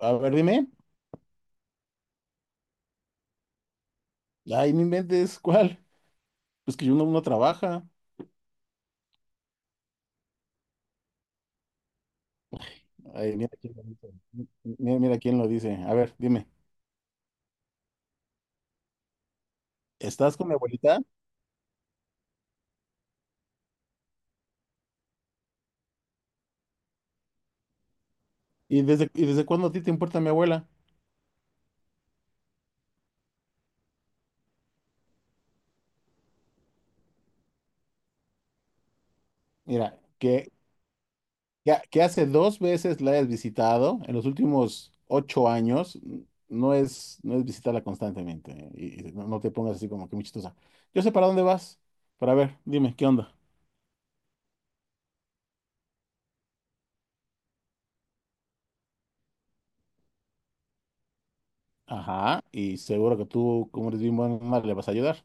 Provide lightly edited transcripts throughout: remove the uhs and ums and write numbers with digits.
A ver, dime. Ay, no inventes, ¿cuál? Pues que uno trabaja. Ay, mira quién lo dice. Mira, mira quién lo dice. A ver, dime. ¿Estás con mi abuelita? ¿Y desde cuándo a ti te importa mi abuela? Mira, que hace dos veces la hayas visitado en los últimos 8 años, no es visitarla constantemente, ¿eh? Y no te pongas así como que muy chistosa. Yo sé para dónde vas. Pero a ver, dime, ¿qué onda? Ajá, y seguro que tú, como eres bien buena, le vas a ayudar.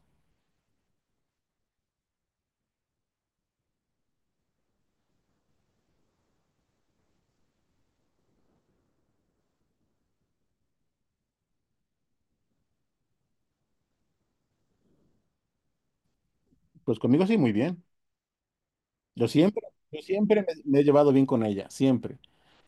Pues conmigo sí, muy bien. Yo siempre, yo siempre me he llevado bien con ella, siempre.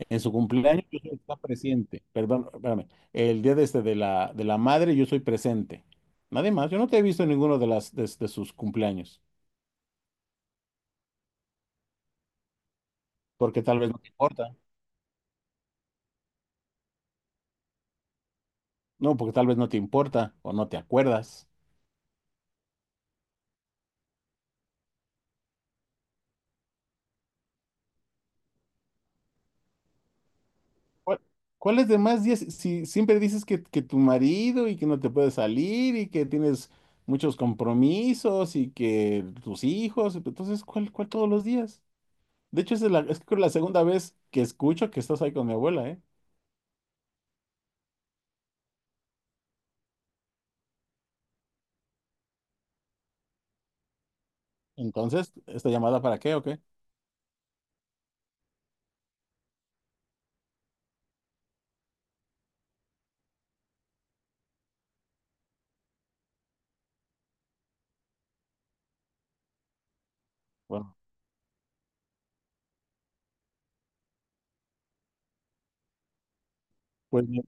En su cumpleaños yo soy está presente. Perdón, espérame. El día de de la madre yo soy presente. Nadie más. Yo no te he visto en ninguno de las de sus cumpleaños, porque tal vez no te importa. No, porque tal vez no te importa o no te acuerdas. ¿Cuál- ¿Cuáles demás días? Si siempre dices que tu marido y que no te puedes salir y que tienes muchos compromisos y que tus hijos, entonces, ¿cuál todos los días? De hecho, esa es creo la segunda vez que escucho que estás ahí con mi abuela, ¿eh? Entonces, ¿esta llamada para qué o qué? Bueno, pues,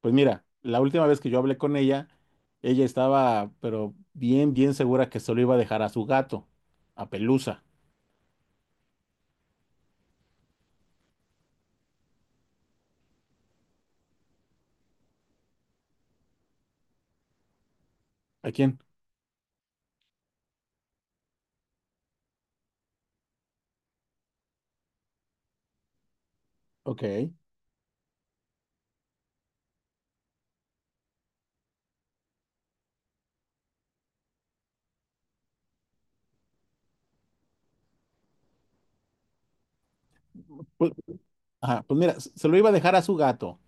pues mira, la última vez que yo hablé con ella, ella estaba pero bien, bien segura que se lo iba a dejar a su gato, a Pelusa. ¿A quién? Ok. Pues, ajá, pues mira, se lo iba a dejar a su gato.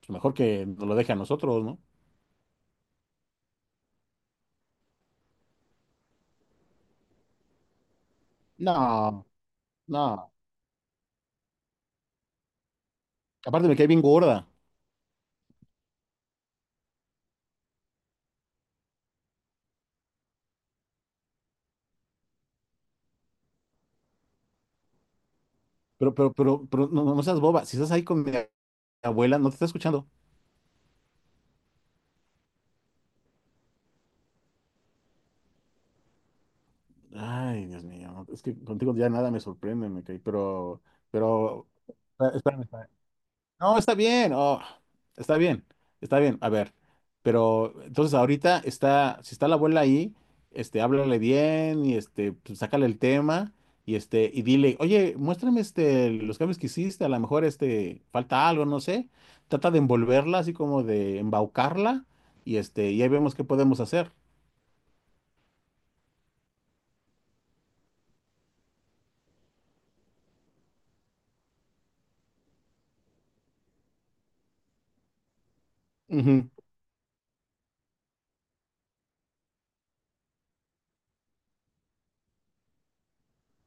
Pues mejor que nos lo deje a nosotros, ¿no? No, no. Aparte me cae bien gorda. Pero no seas boba. Si estás ahí con mi abuela, no te está escuchando. Ay, Dios mío, es que contigo ya nada me sorprende, me caí, pero, pero, espérame, No, está bien, oh, está bien, está bien, a ver, pero entonces ahorita está, si está la abuela ahí, háblale bien y sácale el tema y y dile, oye, muéstrame los cambios que hiciste, a lo mejor falta algo, no sé, trata de envolverla, así como de embaucarla y y ahí vemos qué podemos hacer. Ujú.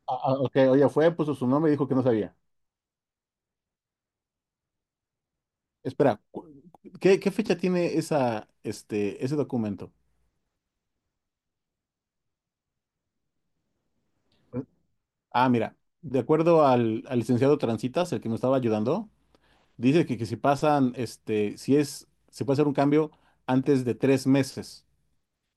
Ah, ah, ok, oye, puso su nombre y dijo que no sabía. Espera, ¿qué fecha tiene ese documento? Ah, mira, de acuerdo al, al licenciado Transitas, el que me estaba ayudando, dice que si pasan, este, si es, se puede hacer un cambio antes de 3 meses.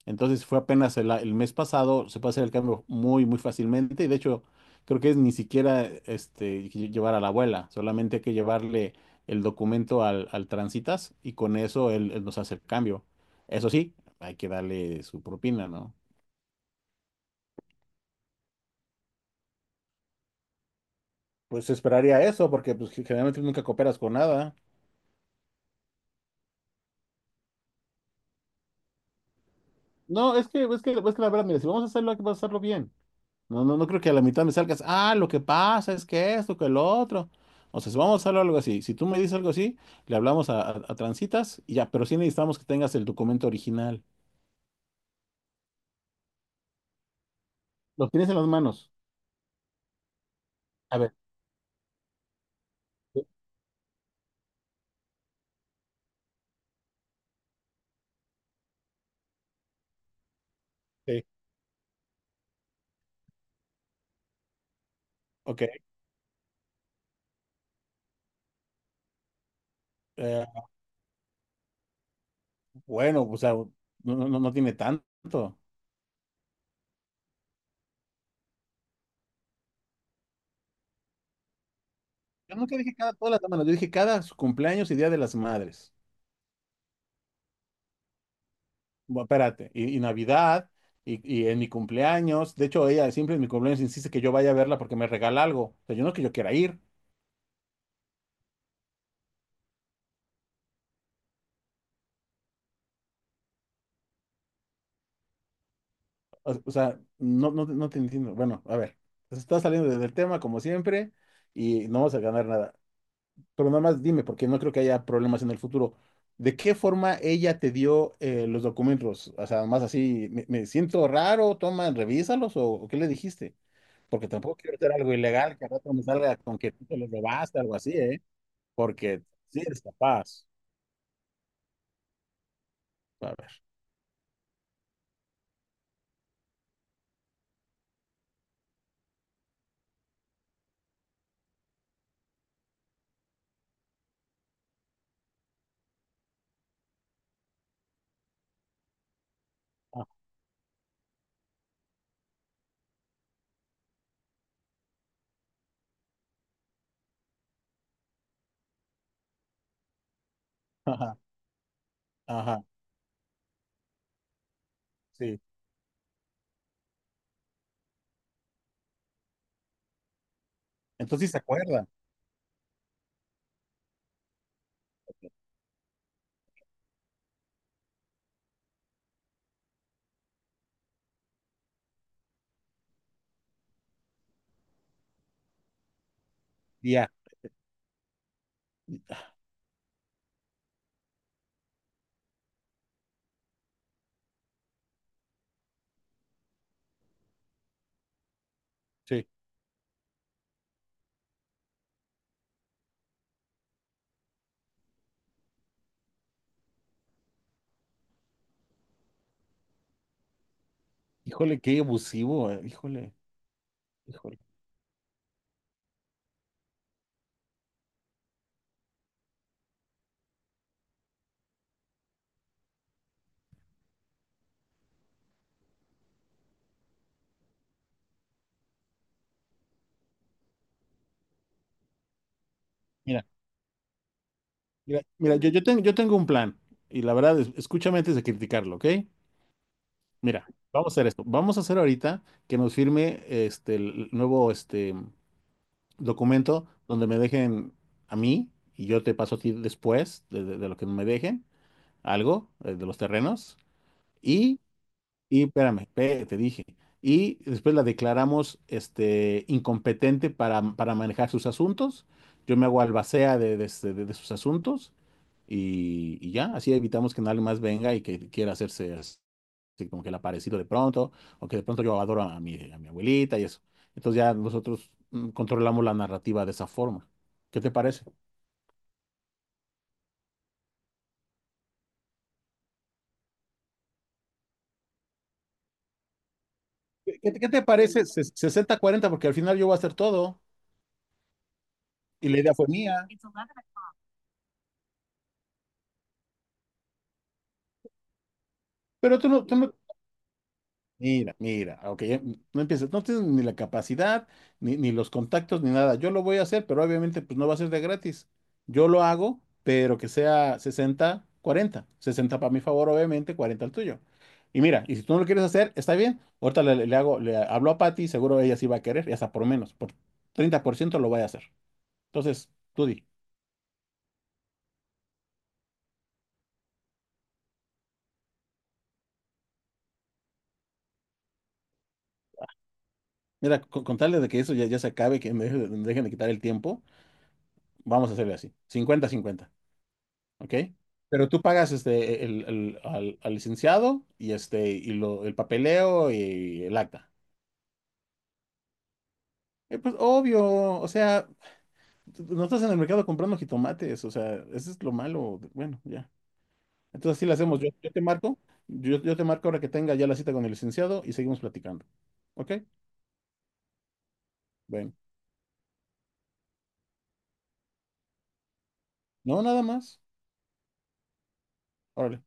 Entonces fue apenas el mes pasado, se puede hacer el cambio muy, muy fácilmente. Y de hecho, creo que es ni siquiera llevar a la abuela, solamente hay que llevarle el documento al Transitas y con eso él nos hace el cambio. Eso sí, hay que darle su propina, ¿no? Pues esperaría eso, porque pues, generalmente nunca cooperas con nada. No, es que la verdad, mira, si vamos a hacerlo, hay que hacerlo bien. No, creo que a la mitad me salgas, lo que pasa es que esto, que lo otro. O sea, si vamos a hacerlo algo así, si tú me dices algo así, le hablamos a Transitas y ya, pero sí necesitamos que tengas el documento original. ¿Lo tienes en las manos? A ver. Sí, sí, ok. Eh, bueno, o sea, no tiene tanto. Yo nunca dije todas las semanas, yo dije cada su cumpleaños y Día de las Madres. Bueno, espérate, y Navidad, y en mi cumpleaños. De hecho, ella siempre en mi cumpleaños insiste que yo vaya a verla porque me regala algo. O sea, yo no es que yo quiera ir. O sea, no te entiendo. Bueno, a ver, se está saliendo del tema como siempre y no vas a ganar nada. Pero nada más dime, porque no creo que haya problemas en el futuro. ¿De qué forma ella te dio los documentos? O sea, más así, me siento raro, toma, revísalos o qué le dijiste. Porque tampoco quiero hacer algo ilegal que al rato me salga con que tú te los robaste, algo así, ¿eh? Porque sí eres capaz. A ver. Ah, ajá, ajá, sí. Entonces sí se acuerda. Ya, sí. Híjole, qué abusivo, híjole. Híjole. Mira, mira, mira, yo tengo un plan y la verdad, escúchame antes de criticarlo, ¿ok? Mira, vamos a hacer esto. Vamos a hacer ahorita que nos firme el nuevo documento donde me dejen a mí y yo te paso a ti después de lo que me dejen, algo de los terrenos y Y espérame, espérate, te dije. Y después la declaramos incompetente para manejar sus asuntos. Yo me hago albacea de sus asuntos y ya, así evitamos que nadie más venga y que quiera hacerse así como que el aparecido de pronto o que de pronto yo adoro a mi abuelita y eso. Entonces ya nosotros controlamos la narrativa de esa forma. ¿Qué te parece? ¿Qué te parece? 60-40, porque al final yo voy a hacer todo y la idea fue mía. Pero tú no- Mira, mira, aunque no empieces, no tienes ni la capacidad, ni los contactos, ni nada. Yo lo voy a hacer, pero obviamente pues no va a ser de gratis. Yo lo hago, pero que sea 60, 40, 60 para mi favor, obviamente, 40 al tuyo. Y mira, y si tú no lo quieres hacer, está bien. Ahorita le hablo a Patty, seguro ella sí va a querer, y hasta por menos, por 30% lo voy a hacer. Entonces, tú di. Mira, con tal de que eso ya se acabe, que me dejen de quitar el tiempo, vamos a hacerle así. 50-50. ¿Ok? Pero tú pagas al licenciado y el papeleo y el acta. Pues obvio, o sea, no estás en el mercado comprando jitomates, o sea, eso es lo malo. Bueno, ya. Entonces así lo hacemos. Yo te marco ahora que tenga ya la cita con el licenciado y seguimos platicando. ¿Ok? Bueno, no, nada más. Órale.